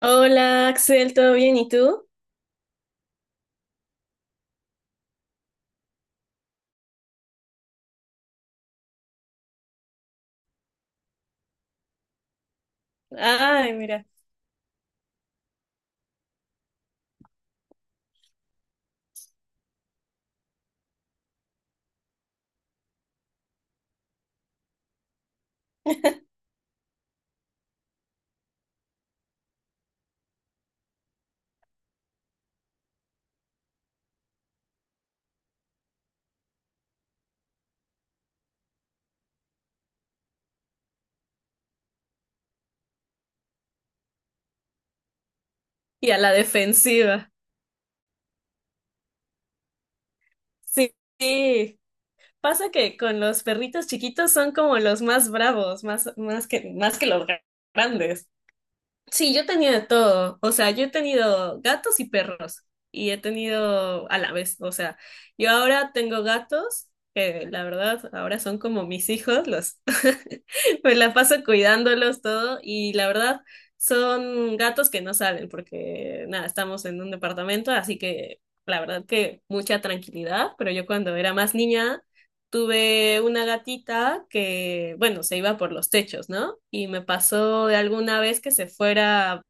Hola Axel, ¿todo bien? ¿Y tú? Ay, mira. Y a la defensiva. Sí, sí. Pasa que con los perritos chiquitos son como los más bravos, más, más que los grandes. Sí, yo he tenido de todo. O sea, yo he tenido gatos y perros. Y he tenido a la vez. O sea, yo ahora tengo gatos, que la verdad ahora son como mis hijos. Los me la paso cuidándolos todo. Y la verdad son gatos que no salen porque nada, estamos en un departamento, así que la verdad que mucha tranquilidad. Pero yo cuando era más niña tuve una gatita que, bueno, se iba por los techos, ¿no? Y me pasó de alguna vez que se fuera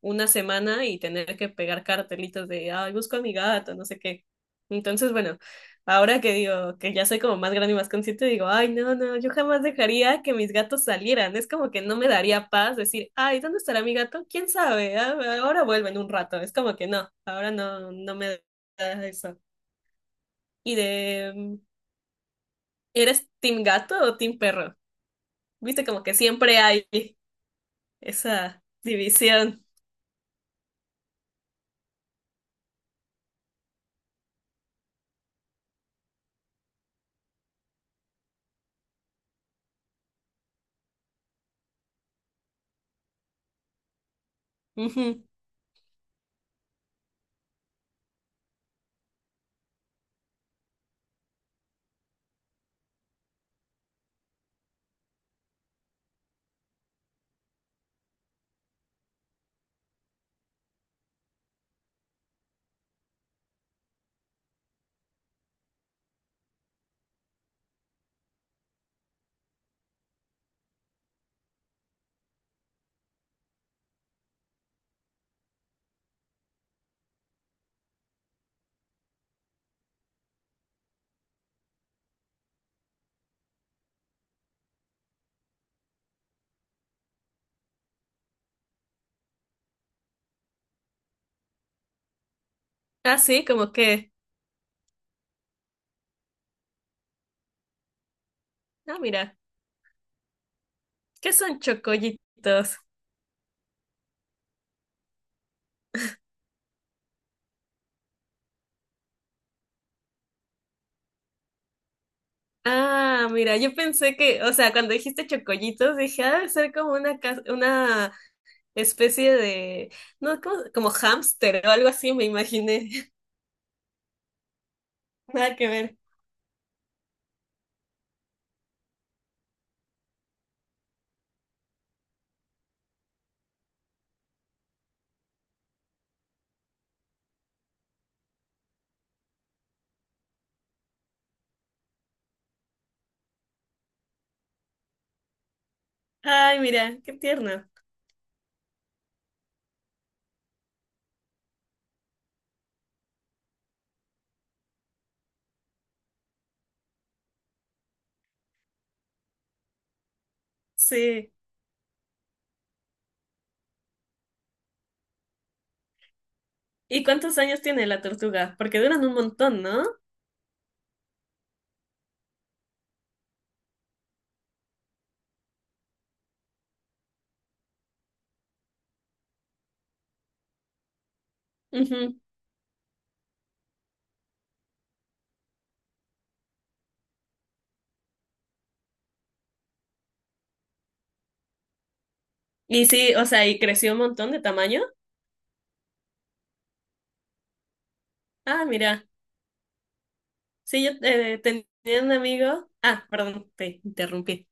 una semana y tener que pegar cartelitos de, ay, busco a mi gato, no sé qué. Entonces, bueno, ahora que digo que ya soy como más grande y más consciente, digo, ay, no, no, yo jamás dejaría que mis gatos salieran. Es como que no me daría paz decir, ay, ¿dónde estará mi gato? ¿Quién sabe? Ah, ahora vuelven un rato. Es como que no, ahora no, no me da eso. Y de... ¿Eres team gato o team perro? Viste, como que siempre hay esa división. Ujú. Ah, sí, como que. Ah, mira, ¿qué son chocollitos? Ah, mira, yo pensé que, o sea, cuando dijiste chocollitos, dije, ah, debe ser como una, una especie de, no, como, como hámster o algo así, me imaginé. Nada que ver. Ay, mira, qué tierno. Sí. ¿Y cuántos años tiene la tortuga? Porque duran un montón, ¿no? Ujú. Y sí, o sea, y creció un montón de tamaño. Ah, mira. Sí, yo tenía un amigo. Ah, perdón, te interrumpí.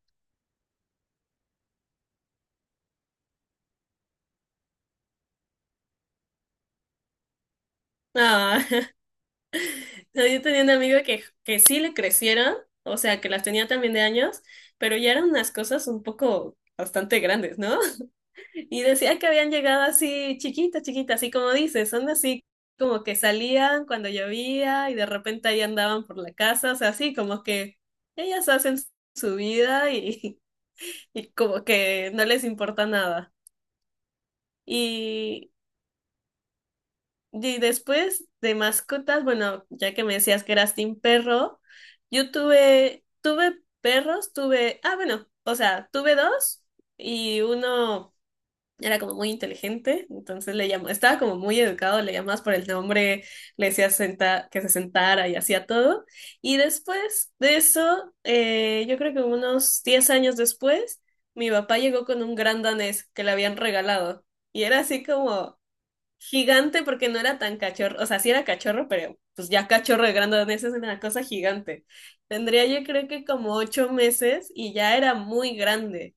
Ah, yo tenía un amigo que sí le crecieron, o sea, que las tenía también de años, pero ya eran unas cosas un poco bastante grandes, ¿no? Y decía que habían llegado así chiquitas, chiquitas, así como dices, son así como que salían cuando llovía y de repente ahí andaban por la casa, o sea, así como que ellas hacen su vida y, y como que no les importa nada. Y y después de mascotas, bueno, ya que me decías que eras team perro, yo tuve, tuve perros, tuve, ah, bueno, o sea, tuve dos y uno era como muy inteligente, entonces le llamó, estaba como muy educado, le llamabas por el nombre, le decías que se sentara y hacía todo. Y después de eso, yo creo que unos 10 años después, mi papá llegó con un gran danés que le habían regalado y era así como... Gigante porque no era tan cachorro, o sea, sí era cachorro, pero pues ya cachorro de grandonés es una cosa gigante. Tendría yo creo que como 8 meses y ya era muy grande.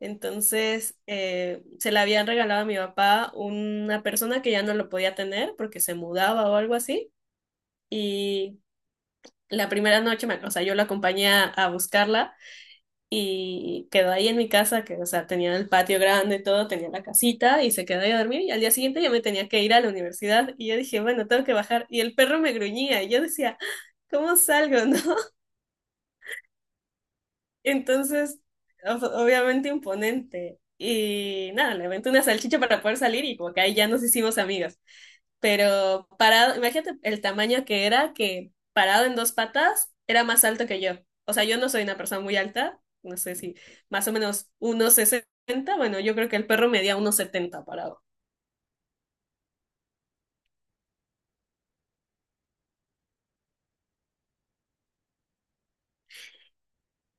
Entonces, se la habían regalado a mi papá una persona que ya no lo podía tener porque se mudaba o algo así. Y la primera noche, o sea, yo la acompañé a buscarla y quedó ahí en mi casa, que, o sea, tenía el patio grande, todo, tenía la casita y se quedó ahí a dormir y al día siguiente yo me tenía que ir a la universidad y yo dije, bueno, tengo que bajar y el perro me gruñía y yo decía, "¡Ah! ¿cómo salgo?" Entonces, o- obviamente imponente. Y nada, le aventé una salchicha para poder salir y como que ahí ya nos hicimos amigas. Pero parado, imagínate el tamaño que era, que parado en dos patas era más alto que yo. O sea, yo no soy una persona muy alta, no sé, si más o menos 1,60. Bueno, yo creo que el perro medía 1,70 parado.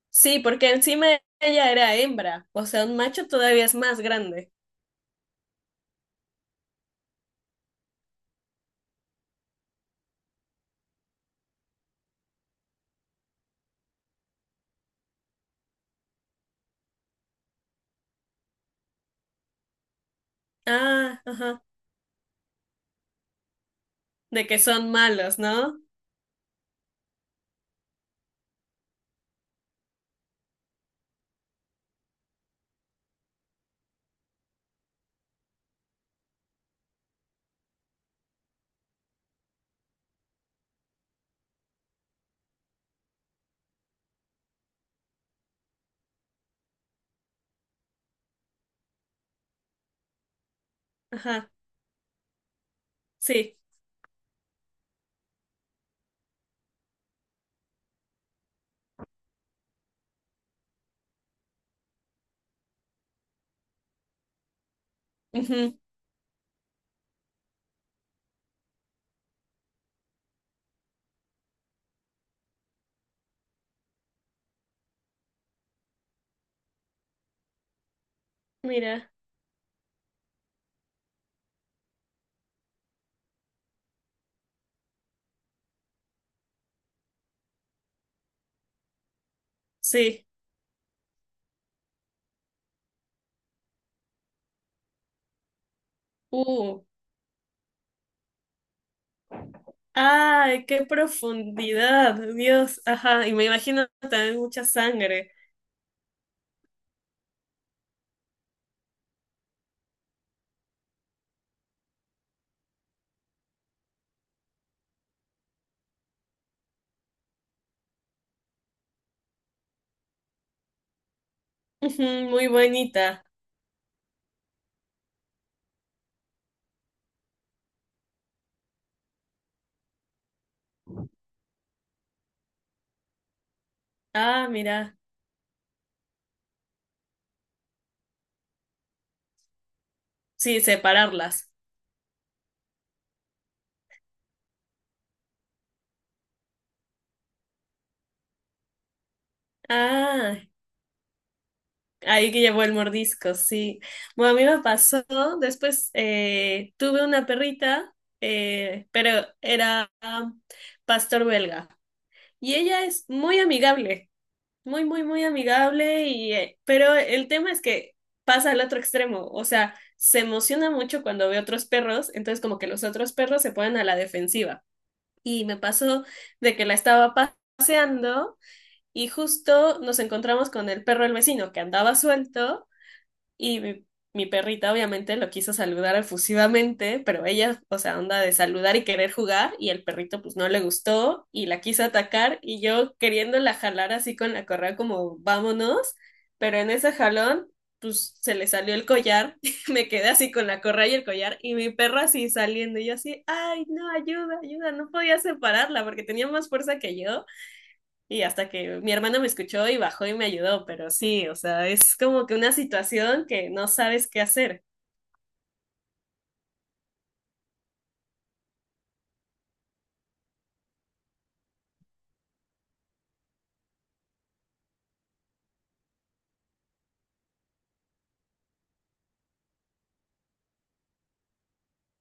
Sí, porque encima ella era hembra, o sea, un macho todavía es más grande. Ah, ajá, de que son malos, ¿no? Ajá, sí. Ujú. Mira, sí. Uh, ay, qué profundidad, Dios. Ajá, y me imagino también mucha sangre. Ujú, muy bonita. Ah, mira. Sí, separarlas. Ah, ahí que llevó el mordisco, sí. Bueno, a mí me pasó, después tuve una perrita, pero era ah, pastor belga. Y ella es muy amigable. Muy, muy, muy amigable y, pero el tema es que pasa al otro extremo, o sea, se emociona mucho cuando ve otros perros, entonces como que los otros perros se ponen a la defensiva. Y me pasó de que la estaba paseando y justo nos encontramos con el perro del vecino que andaba suelto y mi perrita obviamente lo quiso saludar efusivamente, pero ella, o sea, onda de saludar y querer jugar, y el perrito pues no le gustó y la quiso atacar y yo queriéndola jalar así con la correa como vámonos, pero en ese jalón pues se le salió el collar, y me quedé así con la correa y el collar y mi perro así saliendo y yo así, ay, no, ayuda, ayuda, no podía separarla porque tenía más fuerza que yo. Y hasta que mi hermano me escuchó y bajó y me ayudó, pero sí, o sea, es como que una situación que no sabes qué hacer.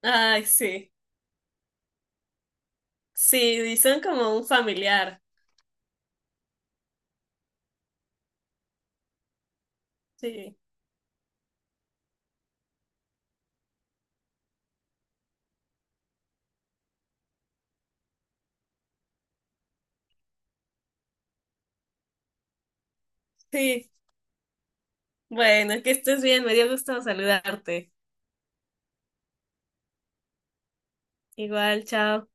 Ay, sí, sí, y son como un familiar. Sí, sí. Bueno, que estés bien, me dio gusto saludarte. Igual, chao.